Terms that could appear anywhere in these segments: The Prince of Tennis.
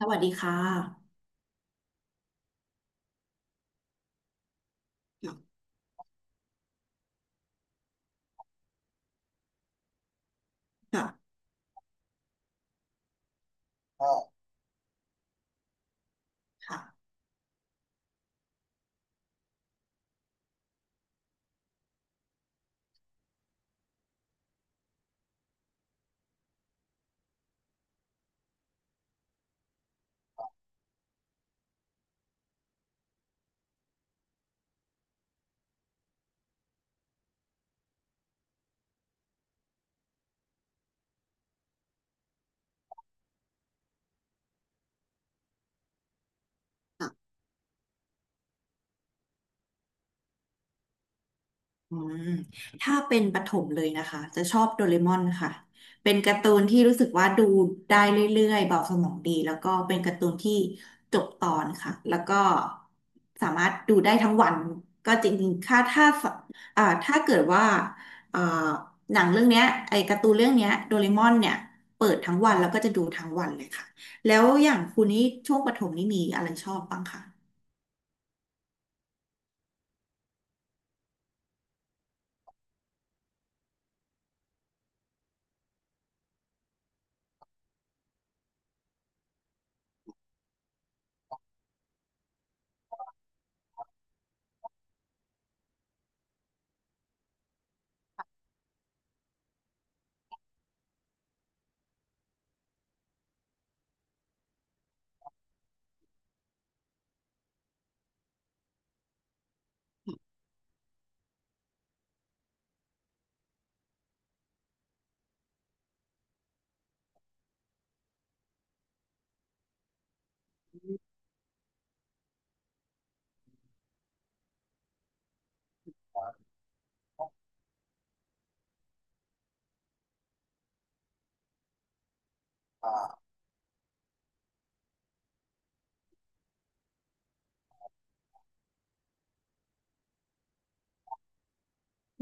สวัสดีค่ะค่ะค่ะอืมถ้าเป็นประถมเลยนะคะจะชอบโดเรมอนค่ะ เป็นการ์ตูนที่รู้สึกว่าดูได้เรื่อยๆเบาสมองดี แล้วก็เป็นการ์ตูนที่จบตอนค่ะแล้วก็สามารถดูได้ทั้งวันก็จริงๆค่ะถ้าถ้าเกิดว่าอ่าหนังเรื่องเนี้ยไอ้การ์ตูนเรื่องเนี้ยโดเรมอนเนี่ยเปิดทั้งวันแล้วก็จะดูทั้งวันเลยค่ะแล้วอย่างคุณนี่ช่วงประถมนี่มีอะไรชอบบ้างคะ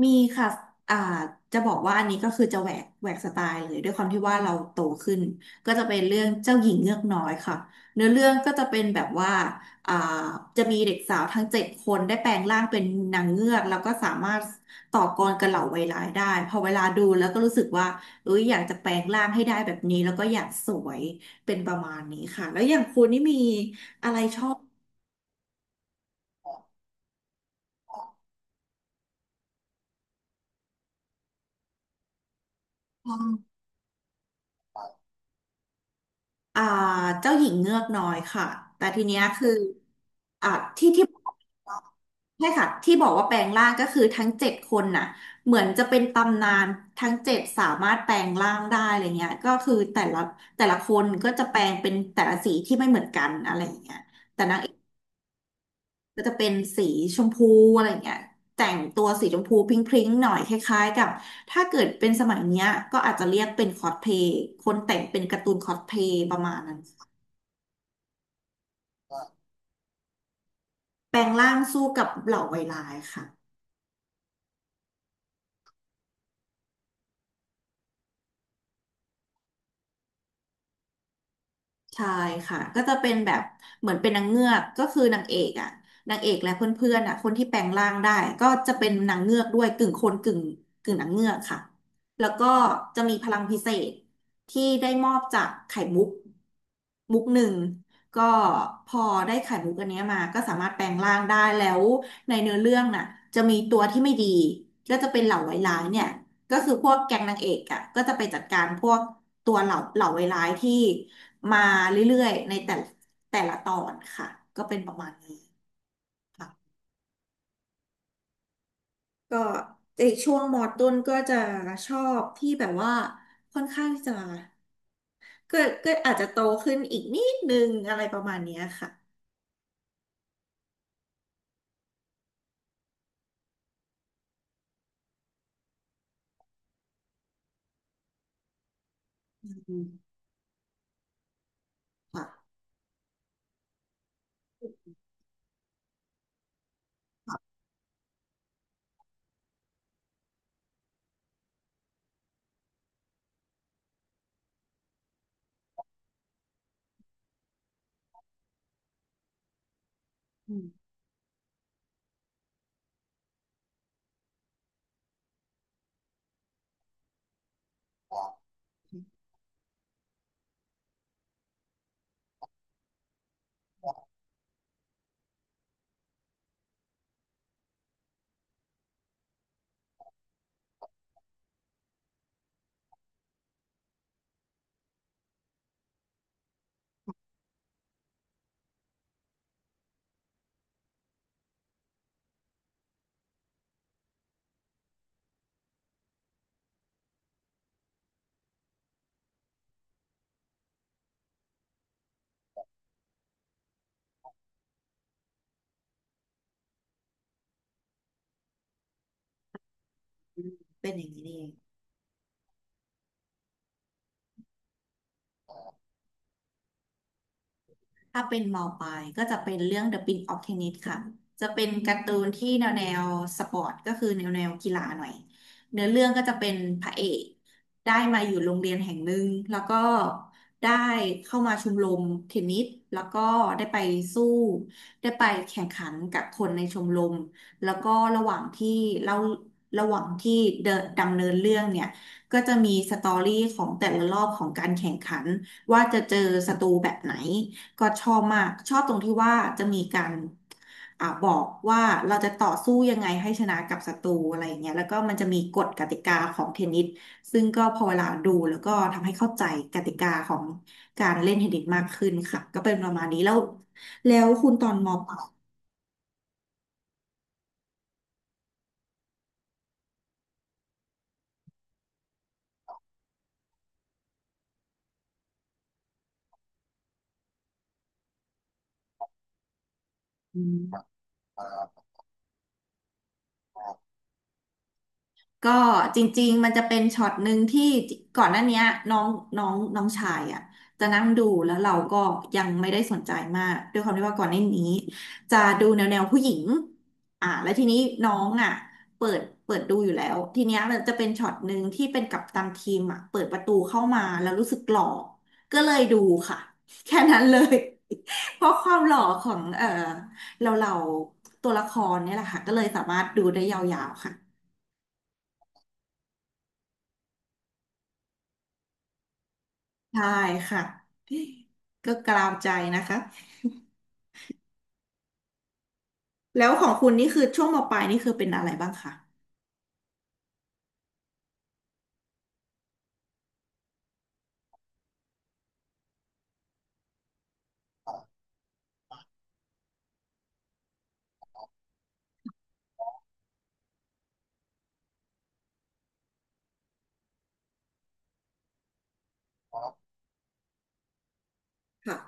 มีค่ะอ่าจะบอกว่าอันนี้ก็คือจะแหวกสไตล์เลยด้วยความที่ว่าเราโตขึ้นก็จะเป็นเรื่องเจ้าหญิงเงือกน้อยค่ะเนื้อเรื่องก็จะเป็นแบบว่าอ่าจะมีเด็กสาวทั้งเจ็ดคนได้แปลงร่างเป็นนางเงือกแล้วก็สามารถต่อกรกับเหล่าไวร้ายได้พอเวลาดูแล้วก็รู้สึกว่าเอ้ยอยากจะแปลงร่างให้ได้แบบนี้แล้วก็อยากสวยเป็นประมาณนี้ค่ะแล้วอย่างคุณนี่มี อ่าเจ้าหญิงเงือกน้อยค่ะแต่ทีเนี้ยคืออ่าที่ใช่ค่ะที่บอกว่าแปลงร่างก็คือทั้งเจ็ดคนน่ะเหมือนจะเป็นตำนานทั้งเจ็ดสามารถแปลงร่างได้อะไรเงี้ยก็คือแต่ละคนก็จะแปลงเป็นแต่ละสีที่ไม่เหมือนกันอะไรอย่างเงี้ยแต่นางเอกก็จะเป็นสีชมพูอะไรเงี้ยแต่งตัวสีชมพูพริ้งๆหน่อยคล้ายๆกับถ้าเกิดเป็นสมัยเนี้ยก็อาจจะเรียกเป็นคอสเพลย์คนแต่งเป็นการ์ตูนคอสเพลย์ประมาณนั้น แปลงร่างสู้กับเหล่าไวร้ายค่ะใช่ค่ะก็จะเป็นแบบเหมือนเป็นนางเงือกก็คือนางเอกอ่ะนางเอกและเพื่อนๆอ่ะคนที่แปลงร่างได้ก็จะเป็นนางเงือกด้วยกึ่งคนกึ่งนางเงือกค่ะแล้วก็จะมีพลังพิเศษที่ได้มอบจากไข่มุกมุกหนึ่งก็พอได้ไข่มุกอันเนี้ยมาก็สามารถแปลงร่างได้แล้วในเนื้อเรื่องน่ะจะมีตัวที่ไม่ดีก็จะเป็นเหล่าไวร้ายเนี่ย ก็คือพวกแก๊งนางเอกอ่ะก็จะไปจัดการพวกตัวเหล่าไวร้ายที่มาเรื่อยๆในแต่ละตอนค่ะก็เป็นประมาณนี้ค่ะก็ในช่วงมอต้นก็จะชอบที่แบบว่าค่อนข้างที่จะก็ก็อาจจะโตขึ้นอีกนิดนึงอะไรประมาณเนี้ยค่ะอืมค่ะอืมเป็นอย่างนี้นี่เอง ถ้าเป็นมอปลายก็จะเป็นเรื่อง The Prince of Tennis ค่ะ จะเป็นการ์ตูนที่แนวสปอร์ตก็คือแนวกีฬาหน่อยเนื้อเรื่องก็จะเป็นพระเอกได้มาอยู่โรงเรียนแห่งหนึ่งแล้วก็ได้เข้ามาชมรมเทนนิสแล้วก็ได้ไปสู้ได้ไปแข่งขันกับคนในชมรมแล้วก็ระหว่างที่เล่าระหว่างที่เดินดำเนินเรื่องเนี่ยก็จะมีสตอรี่ของแต่ละรอบของการแข่งขันว่าจะเจอศัตรูแบบไหน ก็ชอบมากชอบตรงที่ว่าจะมีการบอกว่าเราจะต่อสู้ยังไงให้ชนะกับศัตรูอะไรอย่างเงี้ยแล้วก็มันจะมีกฎกติกาของเทนนิสซึ่งก็พอเวลาดูแล้วก็ทำให้เข้าใจกติกาของการเล่นเทนนิสมากขึ้นค่ะก็เป็นประมาณนี้แล้วแล้วคุณตอนมปลาย ก็จริงๆมันจะเป็นช็อตหนึ่งที่ก่อนหน้าเนี้ยน้องน้องน้องชายอ่ะจะนั่งดูแล้วเราก็ยังไม่ได้สนใจมากด้วยความที่ว่าก่อนหน้านี้จะดูแนวผู้หญิงแล้วทีนี้น้องอ่ะเปิดดูอยู่แล้วทีเนี้ยมันจะเป็นช็อตหนึ่งที่เป็นกัปตันทีมอ่ะเปิดประตูเข้ามาแล้วรู้สึกหล่อก็เลยดูค่ะ แค่นั้นเลย เพราะความหล่อของเออเราตัวละครเนี่ยแหละค่ะก็เลยสามารถดูได้ยาวๆค่ะ ใช่ค่ะก็กลาวใจนะคะแล้วของคุณนี่คือช่วงมปลายนี่คือเป็นอะไรบ้างคะค่ะ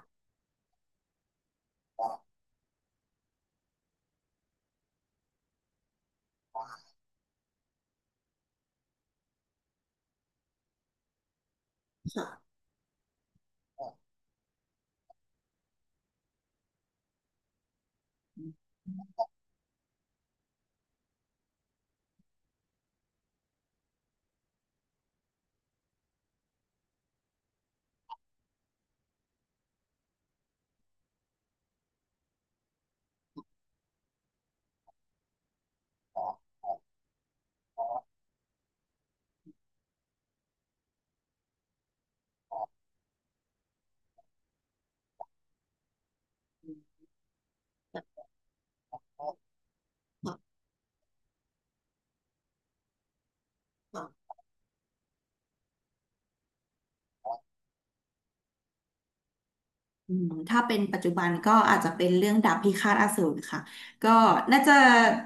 ค่ะ อืมถ้าเป็นปัจจุบันก็อาจจะเป็นเรื่องดาบพิฆาตอสูรค่ะก็น่าจะ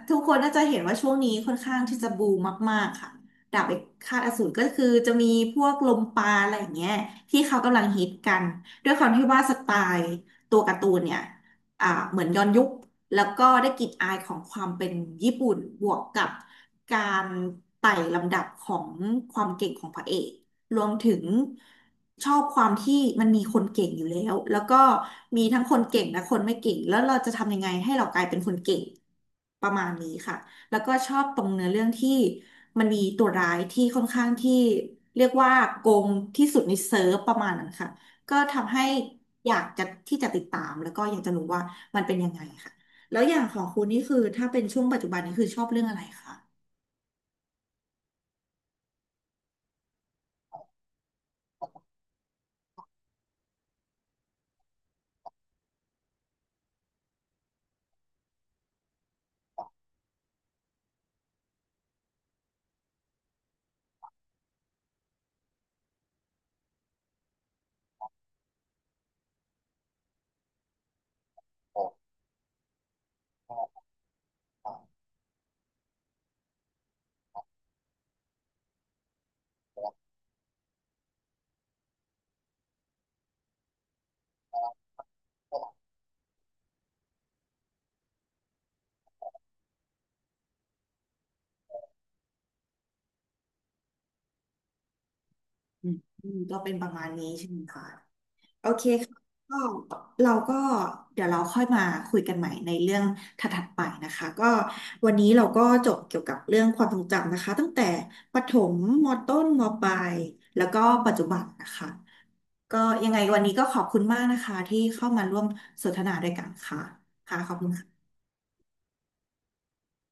ทุกคนน่าจะเห็นว่าช่วงนี้ค่อนข้างที่จะบูมมากๆค่ะดาบพิฆาตอสูรก็คือจะมีพวกลมปราอะไรอย่างเงี้ยที่เขากำลังฮิตกันด้วยความที่ว่าสไตล์ตัวการ์ตูนเนี่ยเหมือนย้อนยุคแล้วก็ได้กลิ่นอายของความเป็นญี่ปุ่นบวกกับการไต่ลำดับของความเก่งของพระเอก รวมถึงชอบความที่มันมีคนเก่งอยู่แล้วแล้วก็มีทั้งคนเก่งและคนไม่เก่งแล้วเราจะทำยังไงให้เรากลายเป็นคนเก่งประมาณนี้ค่ะแล้วก็ชอบตรงเนื้อเรื่องที่มันมีตัวร้ายที่ค่อนข้างที่เรียกว่าโกงที่สุดในเซิร์ฟประมาณนั้นค่ะก็ทำให้อยากจะที่จะติดตามแล้วก็อยากจะรู้ว่ามันเป็นยังไงค่ะแล้วอย่างของคุณนี่คือถ้าเป็นช่วงปัจจุบันนี่คือชอบเรื่องอะไรคะอืมอืมก็เป็นประมาณนี้ใช่ไหมคะ โอเคค่ะก็เราก็เดี๋ยวเราค่อยมาคุยกันใหม่ในเรื่องถัดๆไปนะคะก็วันนี้เราก็จบเกี่ยวกับเรื่องความทรงจำนะคะตั้งแต่ประถมมต้นมปลายแล้วก็ปัจจุบันนะคะก็ยังไงวันนี้ก็ขอบคุณมากนะคะที่เข้ามาร่วมสนทนาด้วยกันค่ะค่ะขอบคุณค่ะ